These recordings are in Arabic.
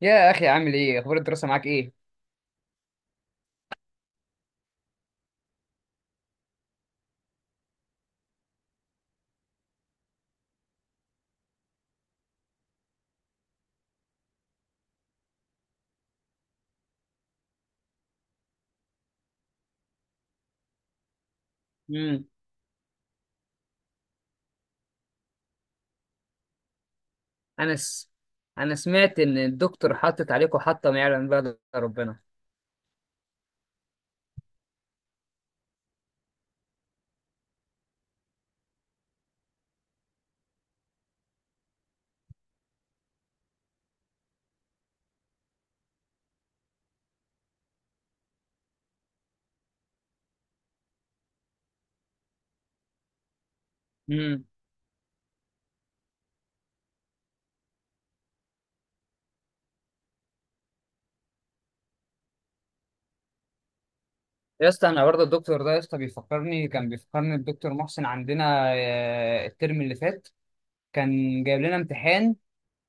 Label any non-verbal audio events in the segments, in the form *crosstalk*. يا اخي، عامل ايه؟ اخبار الدراسه معاك ايه؟ امم. انا س... انا سمعت ان الدكتور حاطط عليكم حطه ما يعلم بها إلا ربنا. امم. يا اسطى، انا برضه الدكتور ده يا اسطى بيفكرني كان الدكتور محسن عندنا. الترم اللي فات كان جايب لنا امتحان.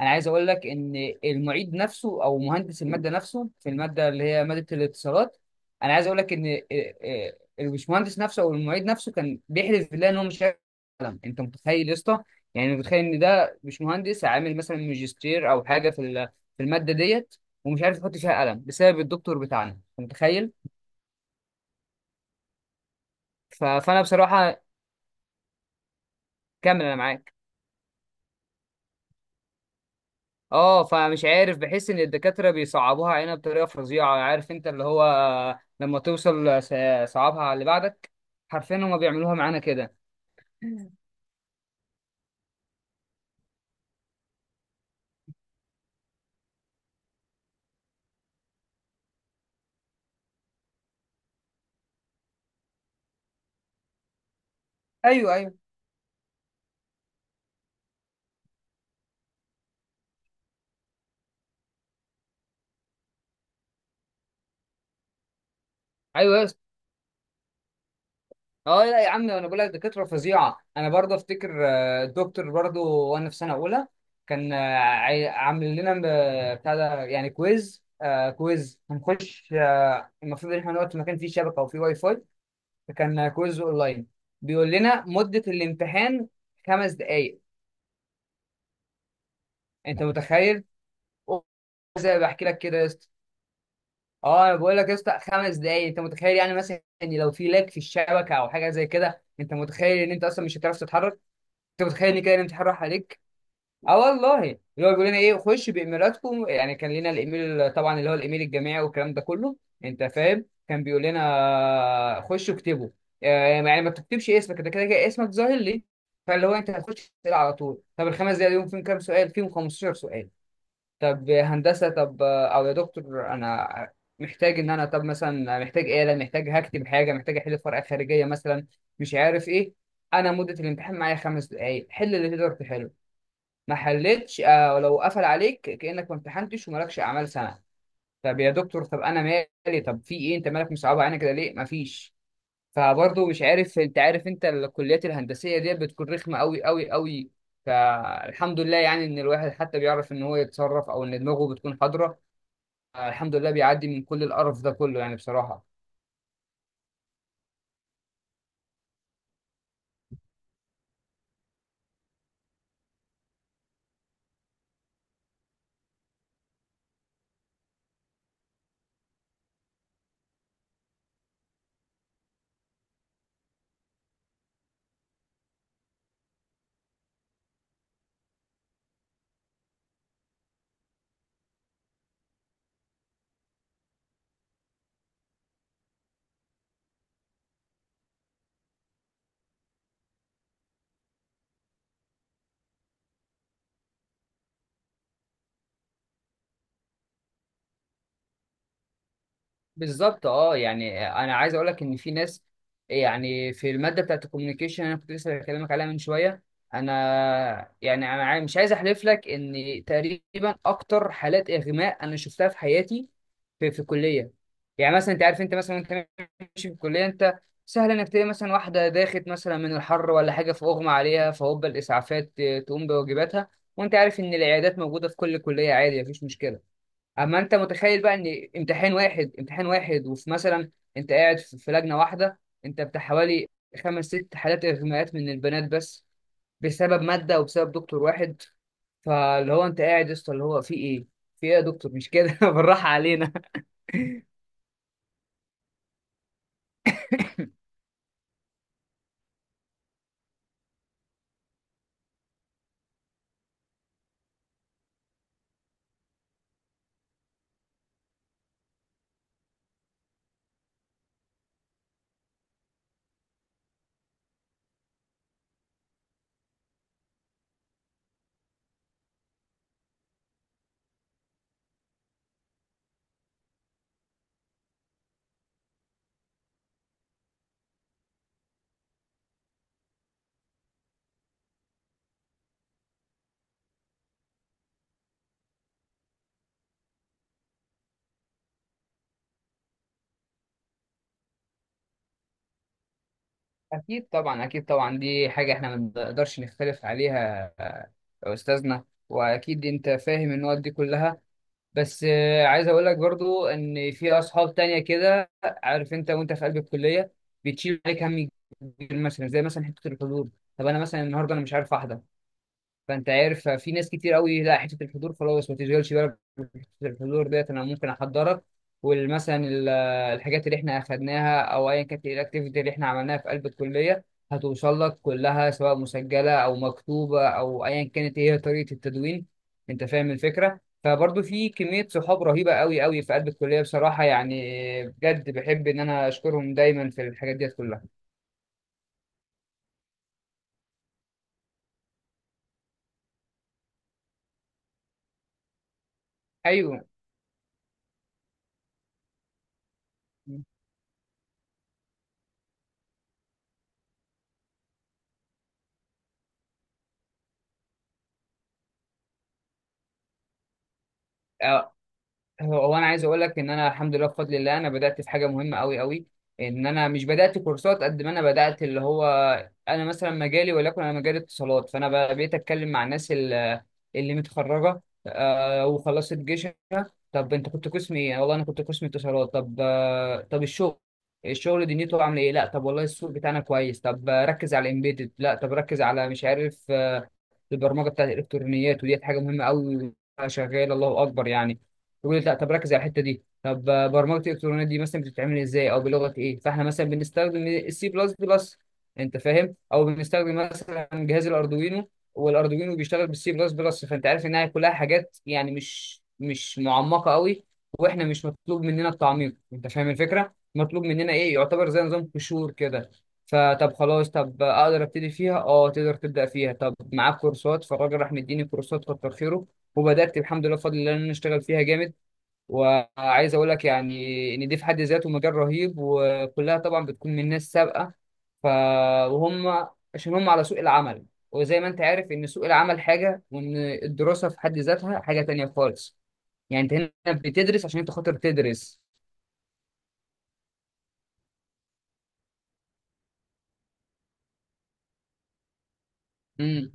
انا عايز اقول لك ان المعيد نفسه او مهندس الماده نفسه في الماده اللي هي ماده الاتصالات. انا عايز اقول لك ان إيه- إيه، البشمهندس نفسه او المعيد نفسه كان بيحلف بالله ان هو مش هيعلم. انت متخيل يا اسطى؟ يعني متخيل ان ده بشمهندس عامل مثلا ماجستير او حاجه في الماده ديت، ومش عارف يحط فيها قلم بسبب الدكتور بتاعنا. انت متخيل؟ فانا بصراحه، كمل انا معاك. اه، فمش عارف، بحس ان الدكاتره بيصعبوها علينا بطريقه فظيعه. عارف انت اللي هو لما توصل س- صعبها على اللي بعدك. حرفيا هما بيعملوها معانا كده. ايوه، ايوه، ايوه يا اسطى. اه لا يا عم، انا بقول لك دكاتره فظيعه. انا برضه افتكر الدكتور برضه وانا في سنه اولى كان، عامل لنا بتاع ده يعني كويز، كويز هنخش. المفروض ان احنا نقعد في مكان فيه شبكه وفيه واي فاي. فكان كويز اونلاين. بيقول لنا مده الامتحان 5 دقائق. انت متخيل؟ زي ما بحكي لك كده يا اسطى. اه، انا بقول لك يا اسطى، 5 دقايق. انت متخيل؟ يعني مثلا ان لو في لاج في الشبكه او حاجه زي كده، انت متخيل ان انت اصلا مش هتعرف تتحرك؟ انت متخيل ان كده الامتحان راح عليك؟ اه والله، اللي هو بيقول لنا ايه، خش بايميلاتكم. يعني كان لنا الايميل طبعا، اللي هو الايميل الجامعي والكلام ده كله. انت فاهم؟ كان بيقول لنا خش اكتبه. يعني ما تكتبش اسمك، انت كده كده اسمك ظاهر ليه. فاللي هو انت هتخش تسال على طول. طب الخمس دقايق دول فيهم كام سؤال؟ فيهم 15 سؤال. طب هندسة، طب أو يا دكتور، أنا محتاج إن أنا، طب مثلا محتاج آلة، محتاج هكتب حاجة، محتاج أحل ورقة خارجية مثلا، مش عارف إيه. أنا مدة الامتحان معايا 5 دقايق. حل اللي تقدر تحله، ما حلتش آه، لو قفل عليك كأنك ما امتحنتش ومالكش أعمال سنة. طب يا دكتور، طب أنا مالي، طب في إيه، أنت مالك مصعبة علينا كده ليه؟ مفيش. فبرضه مش عارف، أنت عارف أنت الكليات الهندسية دي بتكون رخمة أوي أوي أوي. فالحمد لله يعني إن الواحد حتى بيعرف إن هو يتصرف، أو إن دماغه بتكون حاضرة. الحمد لله بيعدي من كل القرف ده كله يعني، بصراحة. بالظبط. اه، يعني انا عايز اقول لك ان في ناس، يعني في المادة بتاعت الكوميونيكيشن، انا كنت لسه بكلمك عليها من شوية. انا يعني انا عاي- مش عايز احلف لك ان تقريبا اكتر حالات اغماء انا شفتها في حياتي في الكلية. يعني مثلا انت عارف، انت مثلا وانت ماشي في الكلية، انت سهل انك تلاقي مثلا واحدة داخت مثلا من الحر ولا حاجة فاغمى عليها، فهوب الاسعافات تقوم بواجباتها. وانت عارف ان العيادات موجودة في كل كلية، عادي، مفيش مشكلة. اما انت متخيل بقى ان امتحان واحد، امتحان واحد وفي مثلا، انت قاعد في لجنه واحده، انت بتاع حوالي خمس ست حالات اغماءات من البنات بس، بسبب ماده وبسبب دكتور واحد. فاللي هو انت قاعد يا اسطى اللي هو في ايه، في ايه يا دكتور، مش كده؟ *laughs* بالراحه علينا. اكيد طبعا، اكيد طبعا، دي حاجه احنا ما نقدرش نختلف عليها يا استاذنا، واكيد انت فاهم النقط دي كلها. بس عايز اقول لك برضو ان في اصحاب تانية كده، عارف انت وانت في قلب الكليه بتشيل عليك هم كبير، مثلا زي مثلا حته الحضور. طب انا مثلا النهارده انا مش عارف احضر، فانت عارف في ناس كتير قوي، لا حته الحضور خلاص، ما تشغلش بالك بحته الحضور ديت، انا ممكن احضرك. والمثلا الحاجات اللي احنا اخدناها، او ايا كانت الاكتيفيتي اللي احنا عملناها في قلب الكليه، هتوصل لك كلها، سواء مسجله او مكتوبه او ايا كانت هي طريقه التدوين. انت فاهم الفكره؟ فبرضه في كميه صحاب رهيبه قوي قوي في قلب الكليه، بصراحه يعني. بجد بحب ان انا اشكرهم دايما في الحاجات ديت كلها. ايوه. هو انا عايز اقول لك ان انا، الحمد لله بفضل الله، انا بدات في حاجه مهمه قوي قوي. ان انا مش بدات كورسات قد ما انا بدات اللي هو، انا مثلا مجالي، وليكن انا مجال اتصالات، بقيت اتكلم مع الناس اللي متخرجه وخلصت جيشها. طب انت كنت قسم ايه؟ والله انا كنت قسم اتصالات. طب طب الشغل، الشغل دنيته عامله ايه؟ لا طب والله السوق بتاعنا كويس. طب ركز على الامبيدد. لا طب ركز على، مش عارف، البرمجه بتاعت الالكترونيات، وديت حاجه مهمه قوي، شغال، الله اكبر يعني. يقول لي لا طب ركز على الحته دي. طب برمجه الالكترونيات دي مثلا بتتعمل ازاي، او بلغه ايه؟ فاحنا مثلا بنستخدم السي بلس بلس، انت فاهم، او بنستخدم مثلا جهاز الاردوينو، والاردوينو بيشتغل بالسي بلس بلس. فانت عارف انها كلها حاجات يعني مش معمقه قوي، واحنا مش مطلوب مننا التعميق. انت فاهم الفكره؟ مطلوب مننا ايه، يعتبر زي نظام قشور كده. فطب خلاص، طب اقدر ابتدي فيها؟ اه تقدر تبدا فيها. طب معاك كورسات؟ فالراجل راح مديني كورسات، كتر خيره، وبدات الحمد لله بفضل الله ان انا اشتغل فيها جامد. وعايز اقول لك يعني ان دي في حد ذاته مجال رهيب، وكلها طبعا بتكون من ناس سابقه، ف وهم عشان هم على سوق العمل. وزي ما انت عارف ان سوق العمل حاجه، وان الدراسه في حد ذاتها حاجه تانية خالص. يعني انت هنا بتدرس عشان انت خاطر تدرس. امم.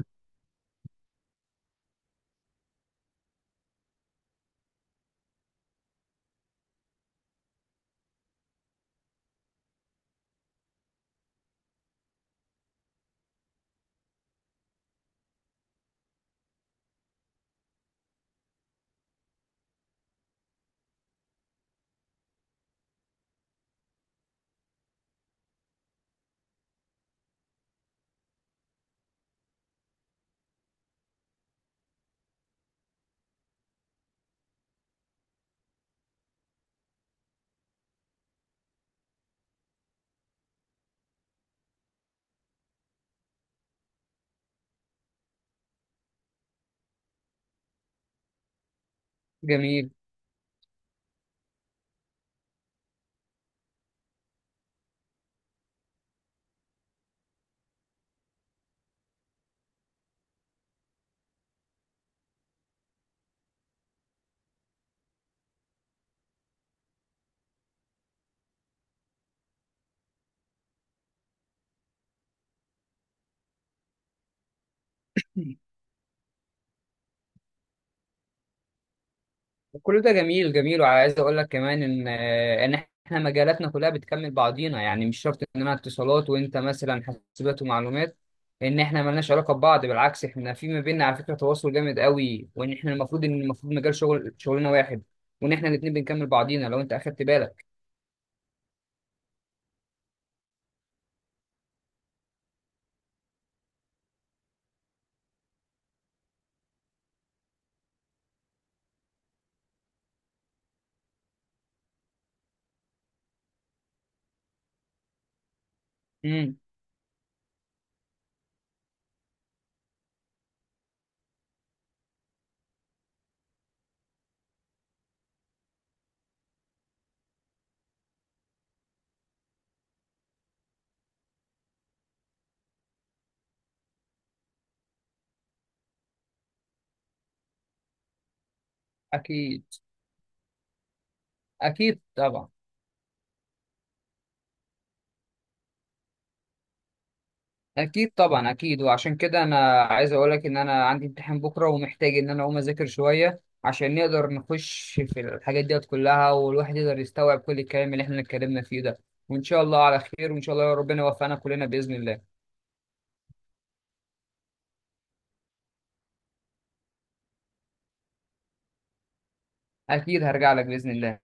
جميل. وكل ده جميل، جميل. وعايز اقول لك كمان ان احنا مجالاتنا كلها بتكمل بعضينا، يعني مش شرط ان انا اتصالات وانت مثلا حاسبات ومعلومات ان احنا ملناش علاقه ببعض. بالعكس، احنا في ما بيننا على فكره تواصل جامد قوي، وان احنا المفروض ان مجال شغلنا واحد، وان احنا الاثنين بنكمل بعضينا لو انت اخدت بالك. امم. اكيد. اكيد طبعا، اكيد طبعا، اكيد. وعشان كده انا عايز اقول لك ان انا عندي امتحان بكره، ومحتاج ان انا اقوم اذاكر شويه، عشان نقدر نخش في الحاجات ديت كلها، والواحد يقدر يستوعب كل الكلام اللي احنا اتكلمنا فيه ده. وان شاء الله على خير، وان شاء الله ربنا يوفقنا كلنا باذن الله. اكيد هرجع لك باذن الله.